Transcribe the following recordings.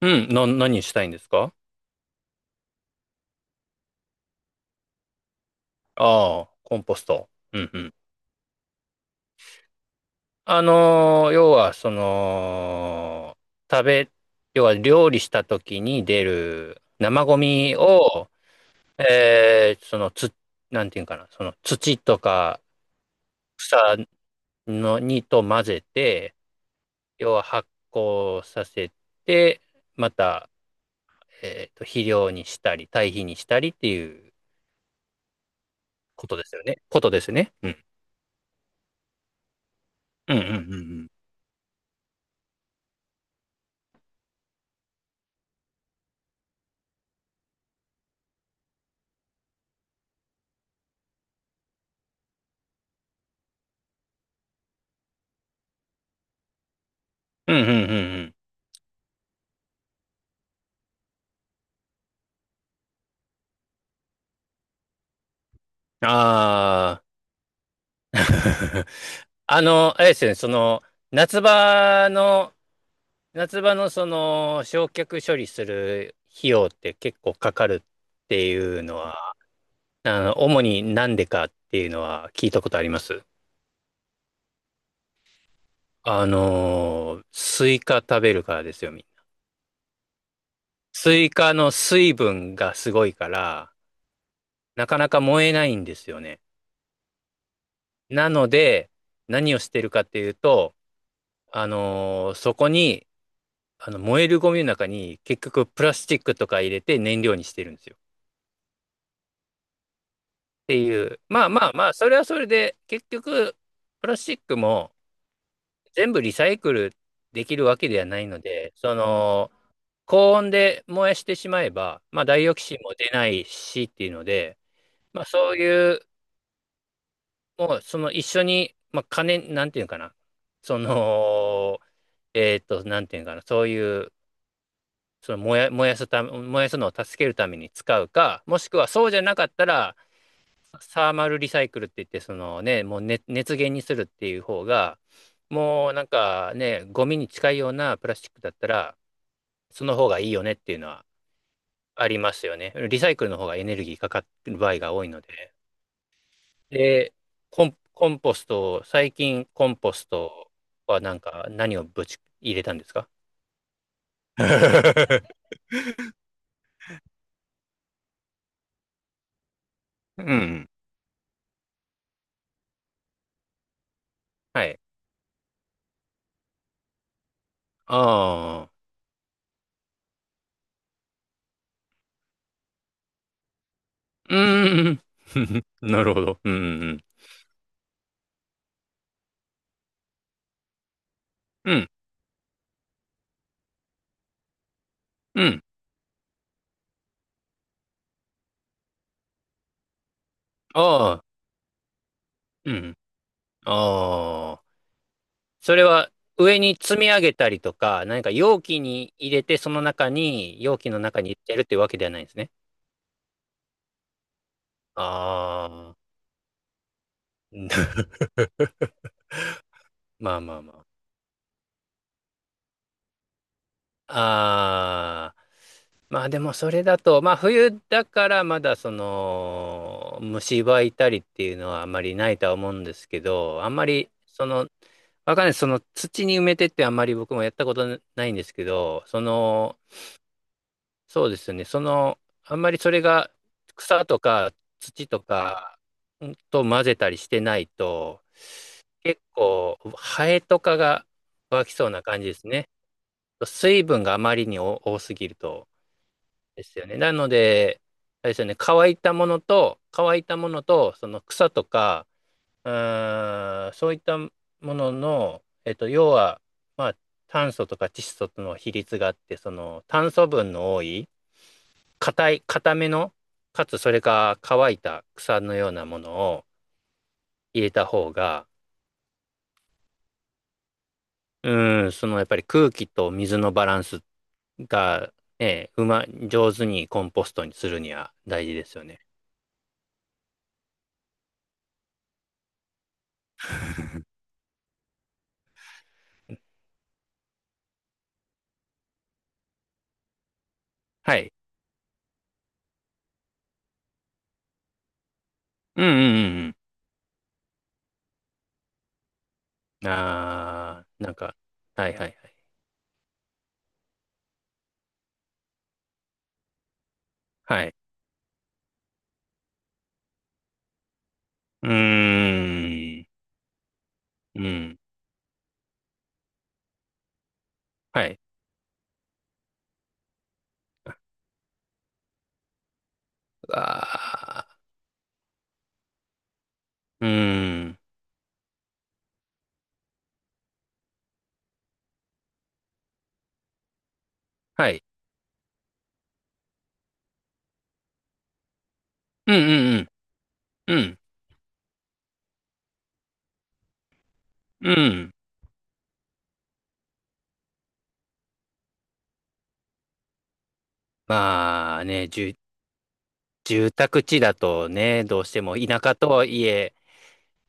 うん、何したいんですか？ああ、コンポスト。うんうん。要は、その、食べ、要は料理した時に出る生ゴミを、えーその、つ、なんていうんかな、その土とか草のにと混ぜて、要は発酵させて、また、肥料にしたり、堆肥にしたりっていうことですよね。ことですね。うん。うんうんうんうん。うんうんうんうん。ああ。あれですよね、その、夏場の、夏場のその、焼却処理する費用って結構かかるっていうのは、主になんでかっていうのは聞いたことあります。スイカ食べるからですよ、みんな。スイカの水分がすごいから、なかなか燃えないんですよね。なので、何をしてるかっていうと、そこに、あの燃えるゴミの中に結局プラスチックとか入れて燃料にしてるんですよ。っていう、まあまあまあ、それはそれで結局プラスチックも全部リサイクルできるわけではないので、その高温で燃やしてしまえば、まあダイオキシンも出ないしっていうので、まあそういう、もうその一緒に、まあ金、なんていうのかな、その、なんていうのかな、そういうその燃やすのを助けるために使うか、もしくはそうじゃなかったら、サーマルリサイクルって言って、そのね、もう熱源にするっていう方が、もうなんかね、ゴミに近いようなプラスチックだったら、その方がいいよねっていうのはありますよね。リサイクルの方がエネルギーかかってる場合が多いので。で、コンポスト、最近コンポストはなんか何をぶち入れたんですか？ うん。はい。ああ。うーん。なるほど。うん、うん。うん、うん。ああ、うん。ああ。それは上に積み上げたりとか、何か容器に入れて、その中に、容器の中に入れてるってわけではないんですね。ああ。まあまあまあ。ああ。まあでもそれだと、まあ冬だからまだその、虫歯いたりっていうのはあまりないとは思うんですけど、あんまりわかんない。その土に埋めてってあんまり僕もやったことないんですけど、その、そうですね。その、あんまりそれが草とか土とかんと混ぜたりしてないと、結構ハエとかが湧きそうな感じですね。水分があまりに多すぎるとですよね。なので、あれですよね。乾いたものと、その草とか、うん、そういったものの、要は、まあ、炭素とか窒素との比率があって、その炭素分の多い、硬めの、かつそれが乾いた草のようなものを入れた方が、うん、そのやっぱり空気と水のバランスが、ね、上手にコンポストにするには大事ですよね。はい。うんうんうんうん。あーなんか、はいはいはい。はい。うーん。うん。はい。ああ、うーん。はい。うんうんうん。うん。うん。まあね、住宅地だとね、どうしても田舎とはいえ、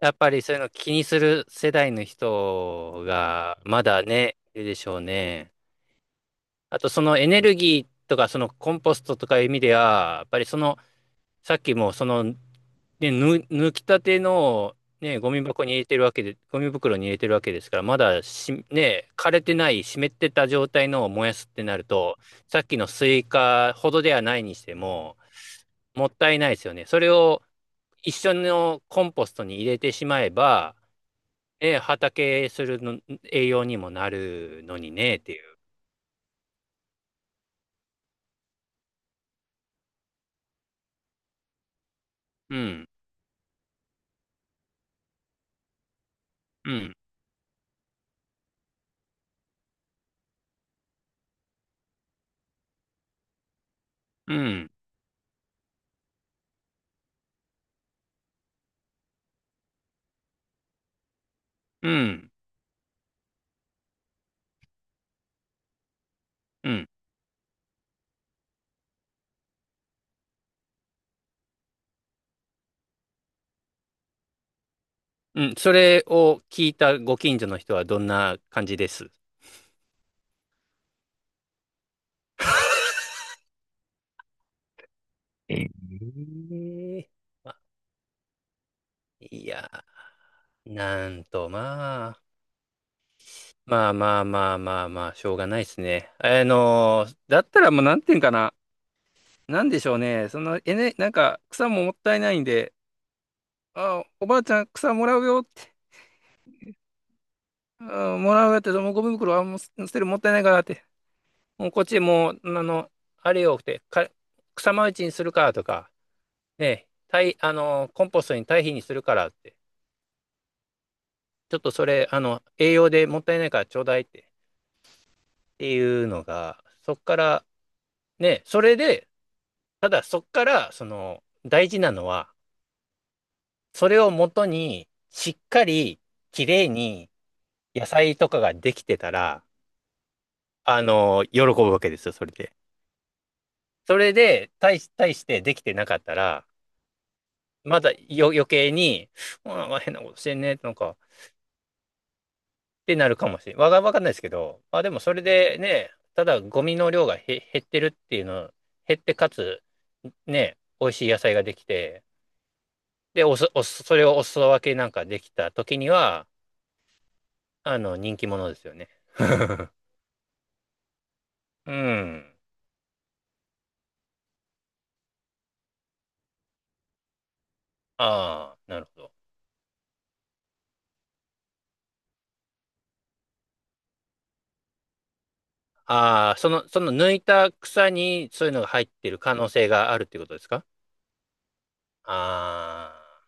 やっぱりそういうの気にする世代の人がまだね、いるでしょうね。あとそのエネルギーとかそのコンポストとかいう意味では、やっぱりそのさっきもその、ね、ぬ、抜きたての、ね、ゴミ袋に入れてるわけですから、まだし、ね、枯れてない、湿ってた状態のを燃やすってなると、さっきのスイカほどではないにしても、もったいないですよね。それを一緒のコンポストに入れてしまえば、ね、畑するの栄養にもなるのにね、っていう。うん、うん、うん、うん、うん。うん、それを聞いたご近所の人はどんな感じです？ええまあいや、なんと、まあ、まあまあまあまあまあ、しょうがないですね。だったらもうなんていうんかな。なんでしょうね。その、なんか草ももったいないんで、あ、おばあちゃん草もらうよって、あ、もらうよって、もうゴミ袋はもう捨てるもったいないからって、もうこっちもう、あれよって、か、草マルチにするかとか、ええ、堆あの、コンポストに堆肥にするからって、ちょっとそれ、栄養でもったいないからちょうだいって、っていうのが、そっから、ね、それで、ただそっから、その、大事なのは、それをもとに、しっかり、きれいに、野菜とかができてたら、喜ぶわけですよ、それで。それで、対してできてなかったら、まだよ、余計に、うん変なことしてんね、なんか、ってなるかもしれないわが、わかんないですけど、まあでもそれでね、ただゴミの量が減ってるっていうの、減ってかつ、ね、美味しい野菜ができて、で、おす、おす、それをお裾分けなんかできた時には、人気者ですよね。うん。ああ、なるほど。ああ、その、その抜いた草にそういうのが入ってる可能性があるっていうことですか？ああ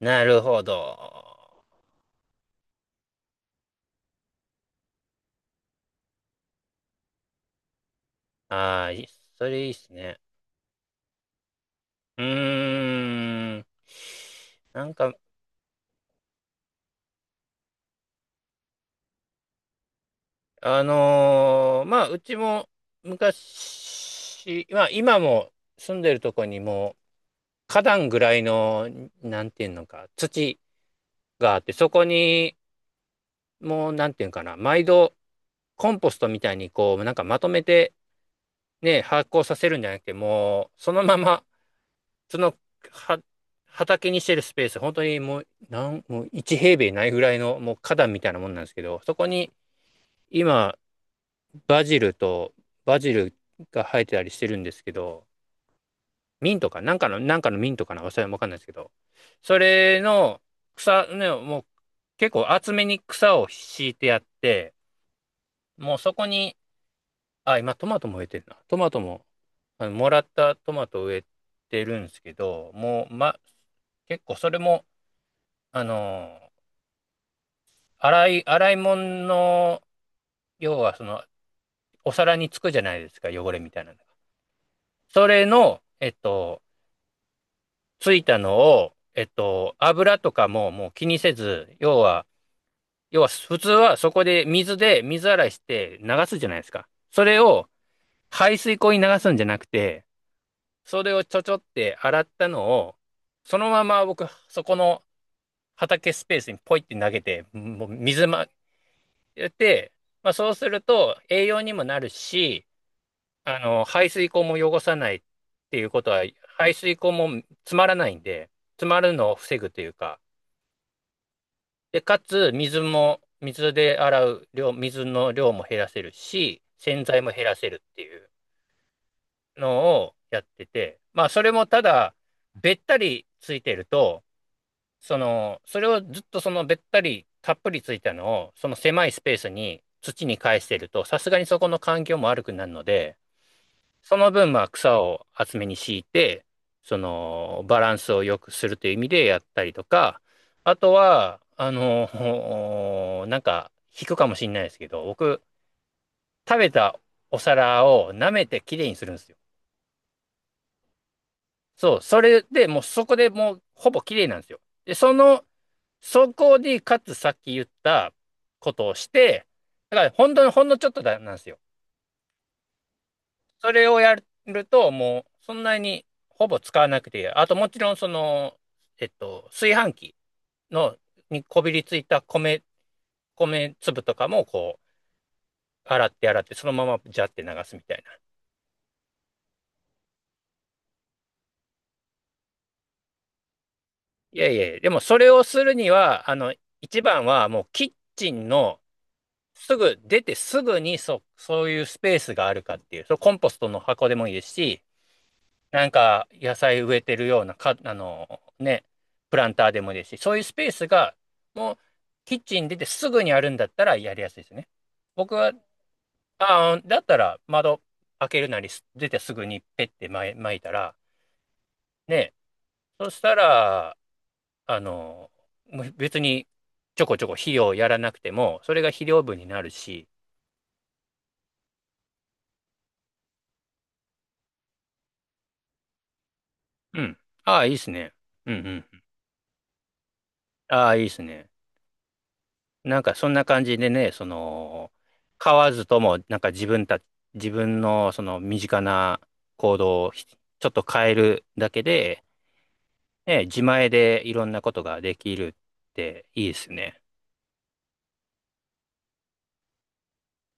ー、なるほど。ああ、いいそれいいっすね。うーん。なんか、まあ、うちも昔、まあ、今も住んでるとこにも、花壇ぐらいの、なんていうのか、土があって、そこに、もう、なんていうのかな、毎度、コンポストみたいに、こう、なんかまとめて、ね、発酵させるんじゃなくて、もう、そのまま、その、は、畑にしてるスペース、本当にもう、もう1平米ないぐらいの、もう花壇みたいなもんなんですけど、そこに、今、バジルと、バジルが生えてたりしてるんですけど、ミントか、なんかのミントかな、それわかんないですけど、それの草、ね、もう結構厚めに草を敷いてやって、もうそこに、あ、今トマトも植えてるな。トマトも、もらったトマトを植えてるんですけど、もう、ま、結構それも、あのー、洗い物の、要はその、お皿につくじゃないですか、汚れみたいなのが。それの、ついたのを、油とかももう気にせず、要は、普通はそこで水で水洗いして流すじゃないですか。それを排水溝に流すんじゃなくて、それをちょちょって洗ったのを、そのまま僕、そこの畑スペースにポイって投げて、もうやって、まあそうすると栄養にもなるし、排水溝も汚さないっていうことは、排水溝も詰まらないんで、詰まるのを防ぐというか、で、かつ、水も、水で洗う量、水の量も減らせるし、洗剤も減らせるっていうのをやってて、まあ、それもただ、べったりついてると、その、それをずっとそのべったりたっぷりついたのを、その狭いスペースに土に返してると、さすがにそこの環境も悪くなるので、その分、まあ、草を厚めに敷いて、その、バランスを良くするという意味でやったりとか、あとは、なんか、引くかもしれないですけど、僕、食べたお皿を舐めてきれいにするんですよ。そう、それでもうそこでもうほぼきれいなんですよ。で、その、そこで、かつさっき言ったことをして、だから、ほんのちょっとだ、なんですよ。それをやると、もう、そんなにほぼ使わなくていい。あと、もちろん、その、炊飯器の、にこびりついた米粒とかも、こう、洗って洗って、そのままジャって流すみたいな。いやいや、でもそれをするには、一番はもうキッチンのすぐ、出てすぐにそういうスペースがあるかっていう、そのコンポストの箱でもいいですし、なんか野菜植えてるようなか、あのね、プランターでもいいですし、そういうスペースがもうキッチン出てすぐにあるんだったらやりやすいですね。僕は、ああ、だったら窓開けるなりす出てすぐにペッてまい撒いたら、ね、そしたら、あの、もう別にちょこちょこ肥料やらなくても、それが肥料分になるし、うん。ああ、いいですね。うんうん。ああ、いいですね。なんかそんな感じでね、その、買わずとも、なんか自分のその身近な行動をちょっと変えるだけで、ね、自前でいろんなことができるっていいですね。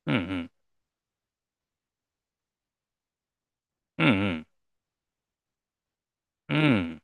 うんうん。うんうん。うん。